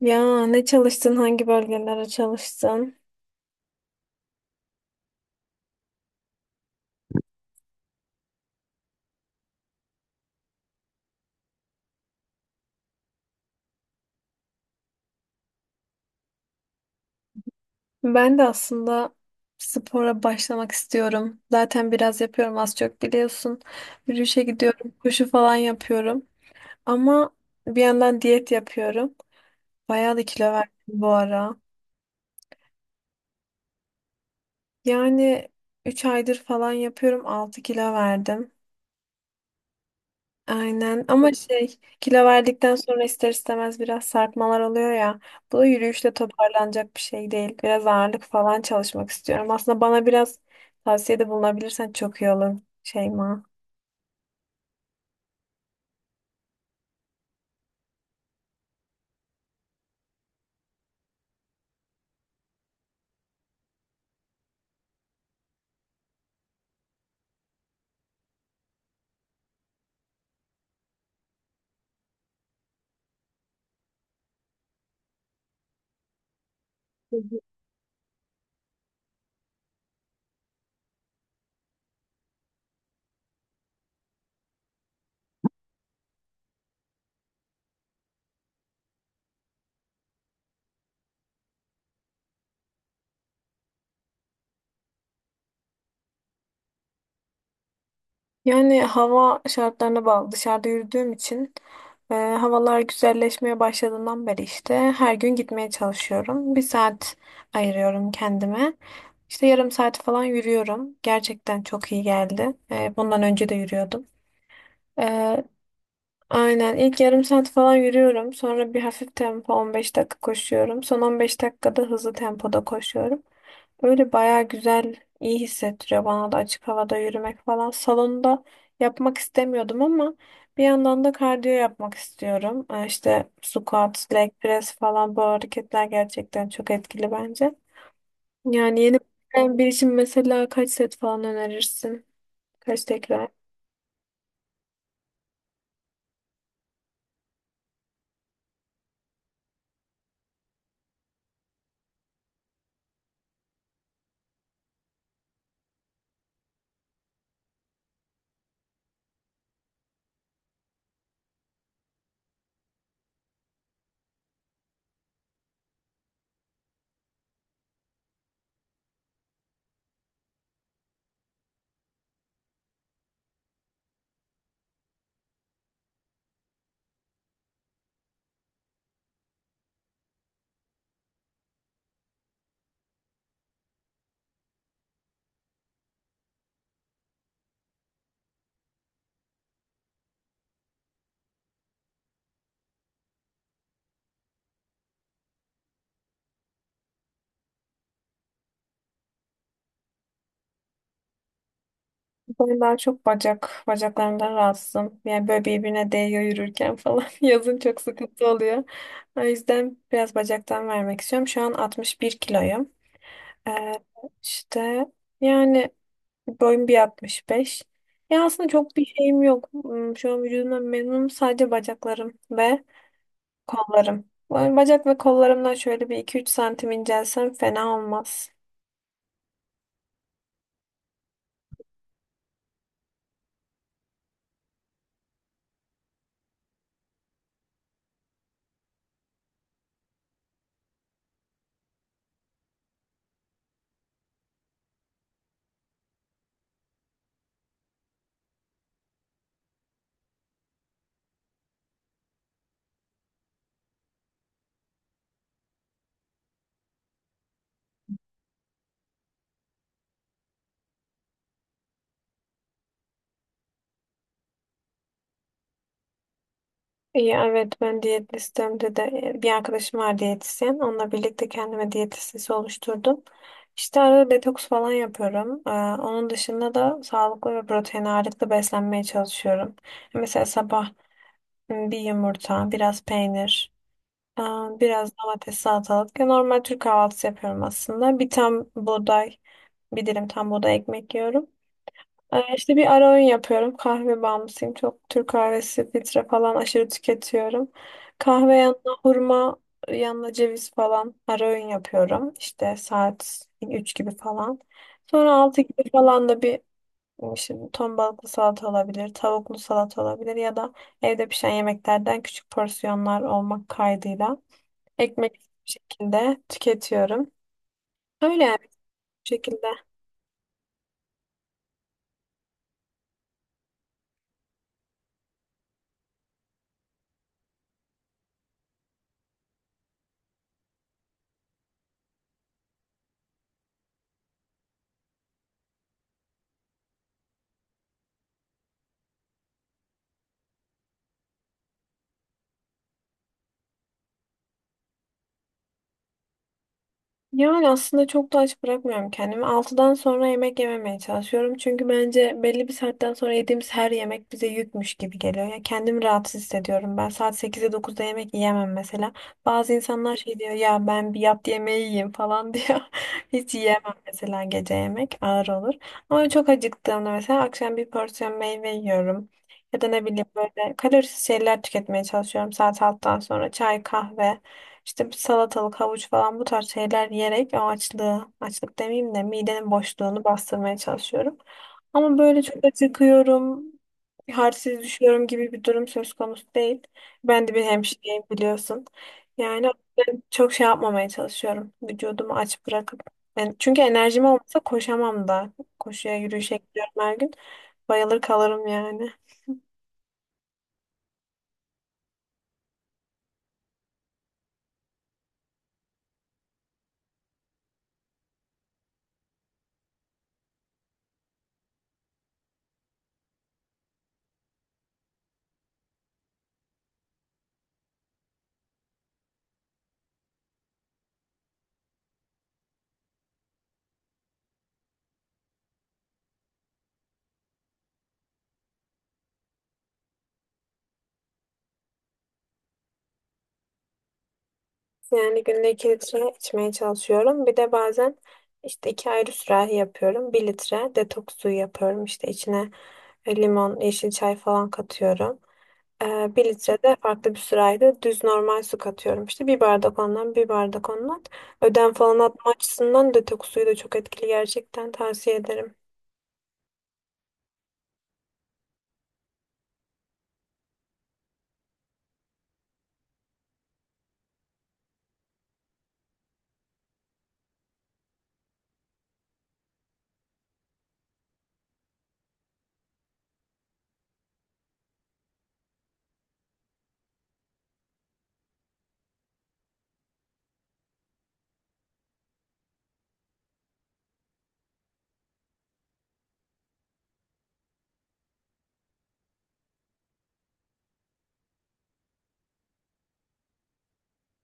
Ya ne çalıştın, hangi bölgelere çalıştın? Ben de aslında spora başlamak istiyorum. Zaten biraz yapıyorum, az çok biliyorsun. Yürüyüşe gidiyorum, koşu falan yapıyorum. Ama bir yandan diyet yapıyorum. Bayağı da kilo verdim bu ara. Yani 3 aydır falan yapıyorum, 6 kilo verdim. Aynen, ama şey, kilo verdikten sonra ister istemez biraz sarkmalar oluyor ya. Bu da yürüyüşle toparlanacak bir şey değil. Biraz ağırlık falan çalışmak istiyorum. Aslında bana biraz tavsiyede bulunabilirsen çok iyi olur Şeyma. Yani hava şartlarına bağlı. Dışarıda yürüdüğüm için, havalar güzelleşmeye başladığından beri işte her gün gitmeye çalışıyorum. Bir saat ayırıyorum kendime. İşte yarım saat falan yürüyorum. Gerçekten çok iyi geldi. Bundan önce de yürüyordum. E, Aynen. ilk yarım saat falan yürüyorum. Sonra bir hafif tempo 15 dakika koşuyorum. Son 15 dakikada hızlı tempoda koşuyorum. Böyle bayağı güzel, iyi hissettiriyor bana da açık havada yürümek falan. Salonda yapmak istemiyordum ama bir yandan da kardiyo yapmak istiyorum. İşte squat, leg press falan, bu hareketler gerçekten çok etkili bence. Yani yeni başlayan bir için mesela kaç set falan önerirsin? Kaç tekrar? Ben daha çok bacak, bacaklarımdan rahatsızım. Yani böyle birbirine değiyor yürürken falan. Yazın çok sıkıntı oluyor. O yüzden biraz bacaktan vermek istiyorum. Şu an 61 kiloyum. Ee, işte yani boyum bir 65. Ya aslında çok bir şeyim yok. Şu an vücudumdan memnunum. Sadece bacaklarım ve kollarım. Yani bacak ve kollarımdan şöyle bir iki üç santim incelsem fena olmaz. İyi, evet, ben diyet listemde de bir arkadaşım var, diyetisyen. Onunla birlikte kendime diyet listesi oluşturdum. İşte arada detoks falan yapıyorum. Onun dışında da sağlıklı ve protein ağırlıklı beslenmeye çalışıyorum. Mesela sabah bir yumurta, biraz peynir, e, biraz domates, salatalık. Ya normal Türk kahvaltısı yapıyorum aslında. Bir tam buğday, bir dilim tam buğday ekmek yiyorum. İşte bir ara öğün yapıyorum. Kahve bağımlısıyım. Çok Türk kahvesi, filtre falan aşırı tüketiyorum. Kahve yanına hurma, yanına ceviz falan ara öğün yapıyorum. İşte saat 3 gibi falan. Sonra 6 gibi falan da bir şimdi ton balıklı salata olabilir, tavuklu salata olabilir ya da evde pişen yemeklerden küçük porsiyonlar olmak kaydıyla ekmek şeklinde tüketiyorum. Öyle yani bu şekilde. Yani aslında çok da aç bırakmıyorum kendimi. 6'dan sonra yemek yememeye çalışıyorum. Çünkü bence belli bir saatten sonra yediğimiz her yemek bize yükmüş gibi geliyor. Ya kendimi rahatsız hissediyorum. Ben saat 8'e 9'da yemek yiyemem mesela. Bazı insanlar şey diyor ya, ben bir yat yemeği yiyeyim falan diyor. Hiç yiyemem mesela, gece yemek ağır olur. Ama çok acıktığımda mesela akşam bir porsiyon meyve yiyorum. Ya da ne bileyim, böyle kalorisiz şeyler tüketmeye çalışıyorum saat 6'dan sonra, çay kahve. İşte bir salatalık, havuç falan, bu tarz şeyler yiyerek o açlığı, açlık demeyeyim de midenin boşluğunu bastırmaya çalışıyorum. Ama böyle çok acıkıyorum, halsiz düşüyorum gibi bir durum söz konusu değil. Ben de bir hemşireyim biliyorsun. Yani ben çok şey yapmamaya çalışıyorum, vücudumu aç bırakıp. Yani çünkü enerjim olmasa koşamam da. Koşuya, yürüyüşe gidiyorum her gün. Bayılır kalırım yani. Yani günde 2 litre içmeye çalışıyorum. Bir de bazen işte iki ayrı sürahi yapıyorum. Bir litre detoks suyu yapıyorum. İşte içine limon, yeşil çay falan katıyorum. Bir litre farklı bir sırayla düz normal su katıyorum. İşte bir bardak ondan, bir bardak ondan. Ödem falan atma açısından detoks suyu da çok etkili, gerçekten tavsiye ederim.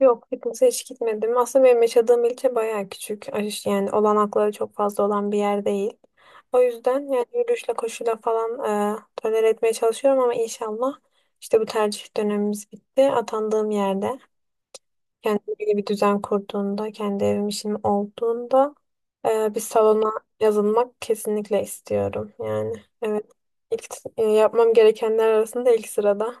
Yok, fitness'e hiç gitmedim. Aslında benim yaşadığım ilçe bayağı küçük. Yani olanakları çok fazla olan bir yer değil. O yüzden yani yürüyüşle koşuyla falan tolere etmeye çalışıyorum ama inşallah işte bu tercih dönemimiz bitti. Atandığım yerde, kendine bir düzen kurduğunda, kendi evim işim olduğunda bir salona yazılmak kesinlikle istiyorum. Yani evet, ilk yapmam gerekenler arasında ilk sırada.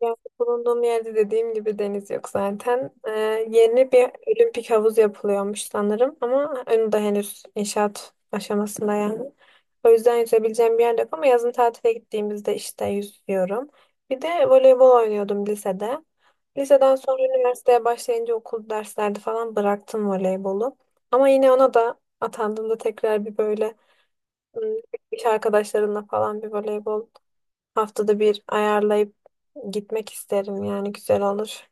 Yani bulunduğum yerde dediğim gibi deniz yok zaten. Yeni bir olimpik havuz yapılıyormuş sanırım ama onu da henüz inşaat aşamasında yani. O yüzden yüzebileceğim bir yer yok ama yazın tatile gittiğimizde işte yüzüyorum. Bir de voleybol oynuyordum lisede. Liseden sonra üniversiteye başlayınca okul derslerde falan bıraktım voleybolu. Ama yine ona da atandığımda tekrar bir böyle ım, iş arkadaşlarımla falan bir voleybol haftada bir ayarlayıp gitmek isterim, yani güzel olur.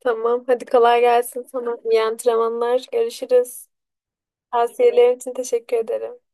Tamam. Hadi kolay gelsin sana. İyi antrenmanlar. Görüşürüz. Tavsiyelerin için teşekkür ederim.